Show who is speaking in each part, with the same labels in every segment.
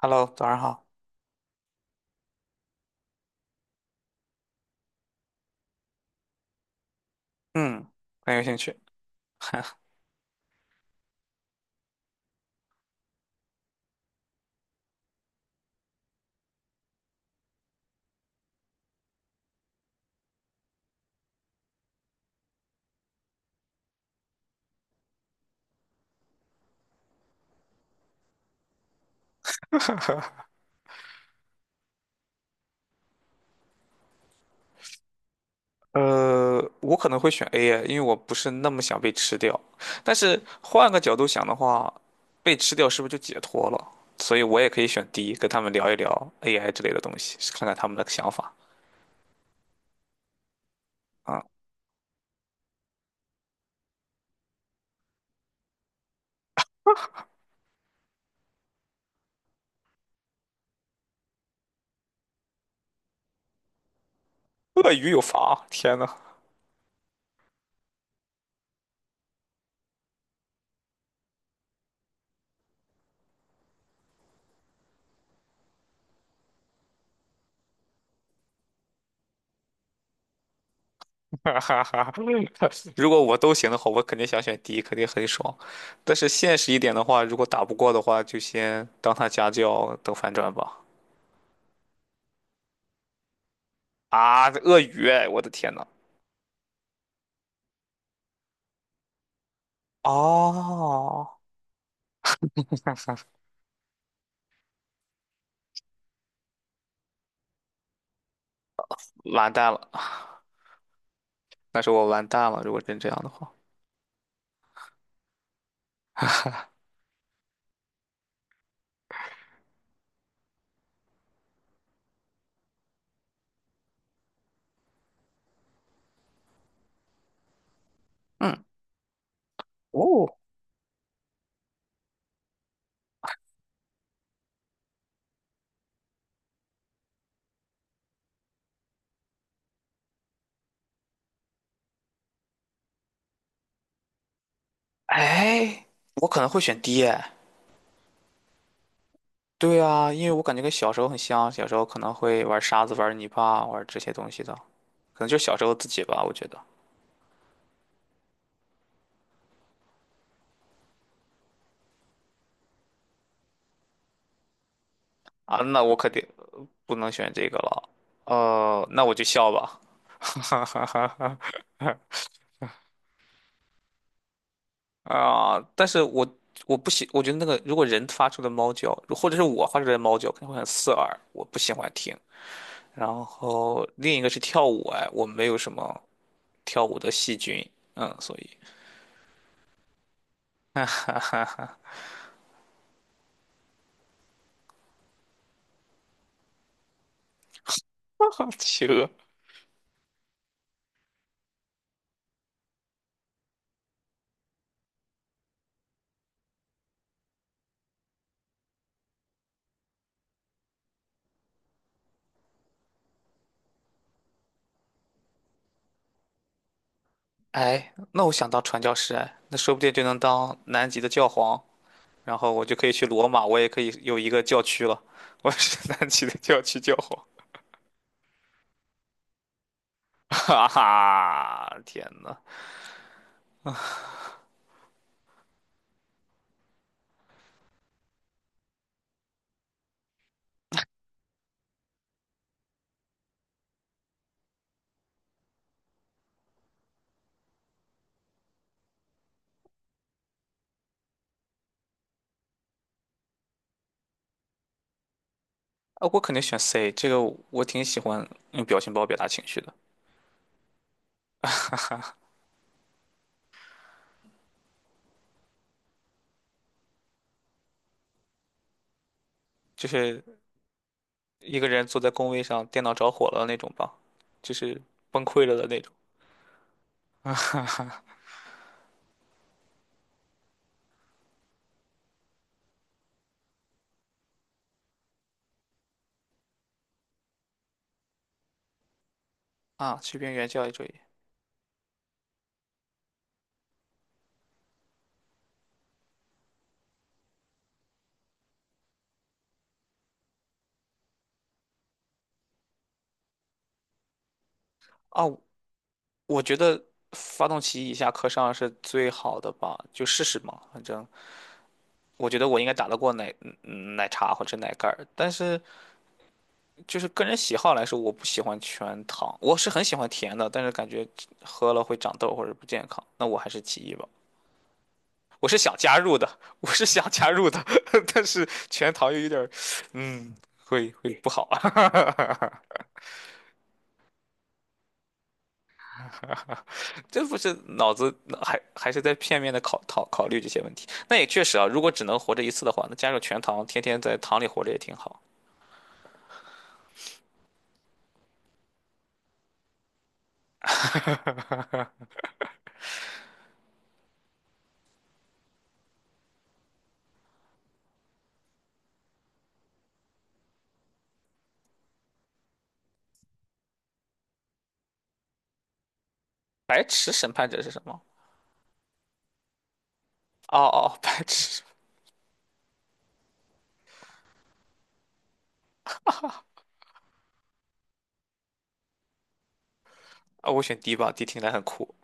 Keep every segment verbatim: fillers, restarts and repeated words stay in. Speaker 1: Hello，早上好。嗯，很有兴趣。呃，我可能会选 A 耶，因为我不是那么想被吃掉。但是换个角度想的话，被吃掉是不是就解脱了？所以我也可以选 D，跟他们聊一聊 A I 之类的东西，看看他们的想法。啊，鳄鱼有房，天呐，哈哈哈！如果我都行的话，我肯定想选 D，肯定很爽。但是现实一点的话，如果打不过的话，就先当他家教，等反转吧。啊，鳄鱼哎我的天呐！哦完蛋了，但是我完蛋了，如果真这样的话，嗯，哦，哎，我可能会选 D 哎。对啊，因为我感觉跟小时候很像，小时候可能会玩沙子、玩泥巴、玩这些东西的，可能就是小时候自己吧，我觉得。啊，那我肯定不能选这个了。呃，那我就笑吧。哈哈哈哈。啊、但是我我不喜，我觉得那个如果人发出的猫叫，或者是我发出来的猫叫，肯定会很刺耳，我不喜欢听。然后另一个是跳舞，哎，我没有什么跳舞的细菌，嗯，所以 哈哈哈哈，企鹅。哎，那我想当传教士，哎，那说不定就能当南极的教皇，然后我就可以去罗马，我也可以有一个教区了，我是南极的教区教皇，哈哈，天呐！啊，我肯定选 C，这个我挺喜欢用表情包表达情绪的，就是一个人坐在工位上，电脑着火了那种吧，就是崩溃了的那种啊。士兵原教育主义啊，我觉得发动机以下课上是最好的吧，就试试嘛。反正我觉得我应该打得过奶嗯奶茶或者奶盖儿，但是就是个人喜好来说，我不喜欢全糖，我是很喜欢甜的，但是感觉喝了会长痘或者不健康，那我还是其一吧。我是想加入的，我是想加入的，但是全糖又有点儿，嗯，会会不好啊。这不是脑子还还是在片面的考考考虑这些问题。那也确实啊，如果只能活着一次的话，那加入全糖，天天在糖里活着也挺好。白池审判者是什么？哦哦，白池啊，我选 D 吧，D 听起来很酷。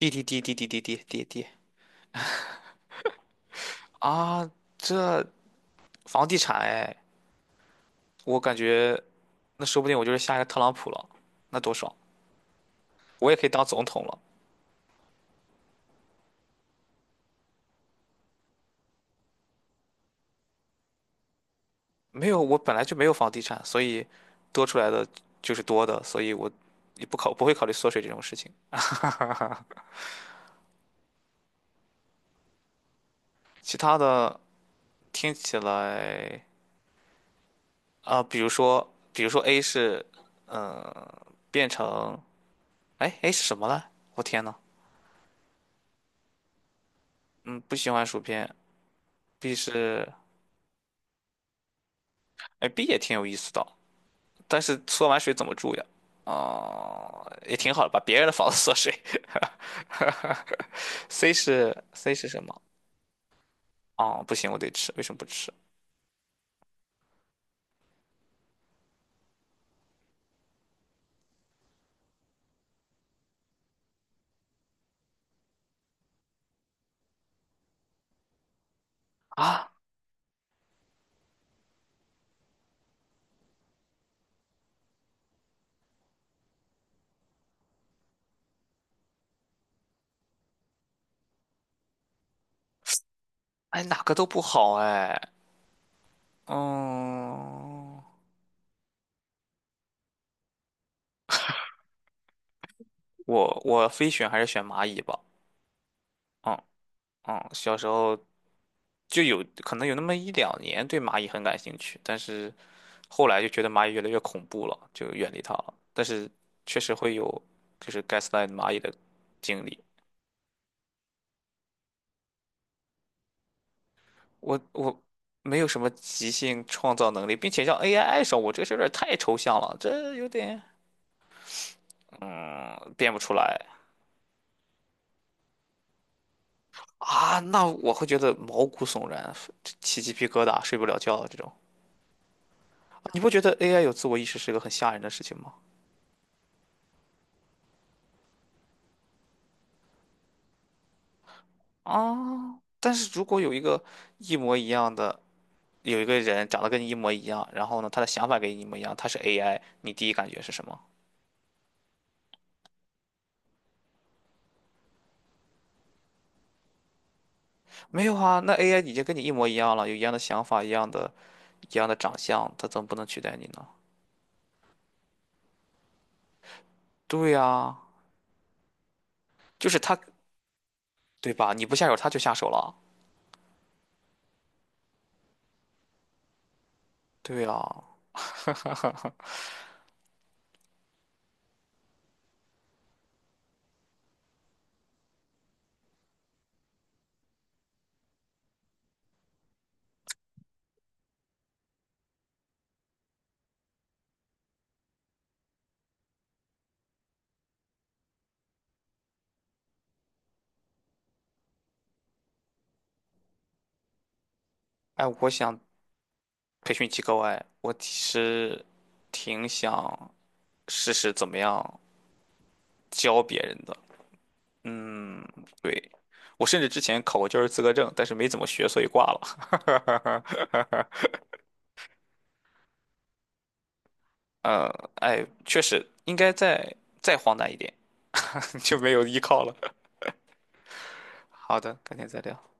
Speaker 1: D D D D D D D D D 啊，这房地产哎，我感觉那说不定我就是下一个特朗普了，那多爽！我也可以当总统了。没有，我本来就没有房地产，所以多出来的就是多的，所以我也不考不会考虑缩水这种事情。其他的听起来啊、比如说，比如说 A 是，嗯、变成，哎，A 是什么呢？我天呐，嗯，不喜欢薯片。B 是，哎，B 也挺有意思的，但是缩完水怎么住呀？啊，也挺好的，把别人的房子 缩水。C 是 C 是什么？哦，不行，我得吃，为什么不吃啊？哎，哪个都不好哎。嗯，我我非选还是选蚂蚁吧。嗯嗯，小时候就有可能有那么一两年对蚂蚁很感兴趣，但是后来就觉得蚂蚁越来越恐怖了，就远离它了。但是确实会有就是 gaslight 蚂蚁的经历。我我没有什么即兴创造能力，并且让 A I 爱上我，这个事儿有点太抽象了，这有点。嗯，变不出来啊，那我会觉得毛骨悚然，起鸡皮疙瘩，睡不了觉这种。啊你不觉得 A I 有自我意识是个很吓人的事情吗？啊，但是如果有一个一模一样的，有一个人长得跟你一模一样，然后呢，他的想法跟你一模一样，他是 A I，你第一感觉是什么？没有啊，那 A I 已经跟你一模一样了，有一样的想法，一样的，一样的长相，他怎么不能取代你呢？对呀，就是他，对吧？你不下手，他就下手了。对呀，哎，我想培训机构哎，我其实挺想试试怎么样教别人的。嗯，对，我甚至之前考过教师资格证，但是没怎么学，所以挂了。呃，哎，确实应该再再荒诞一点，就没有依靠了。好的，改天再聊。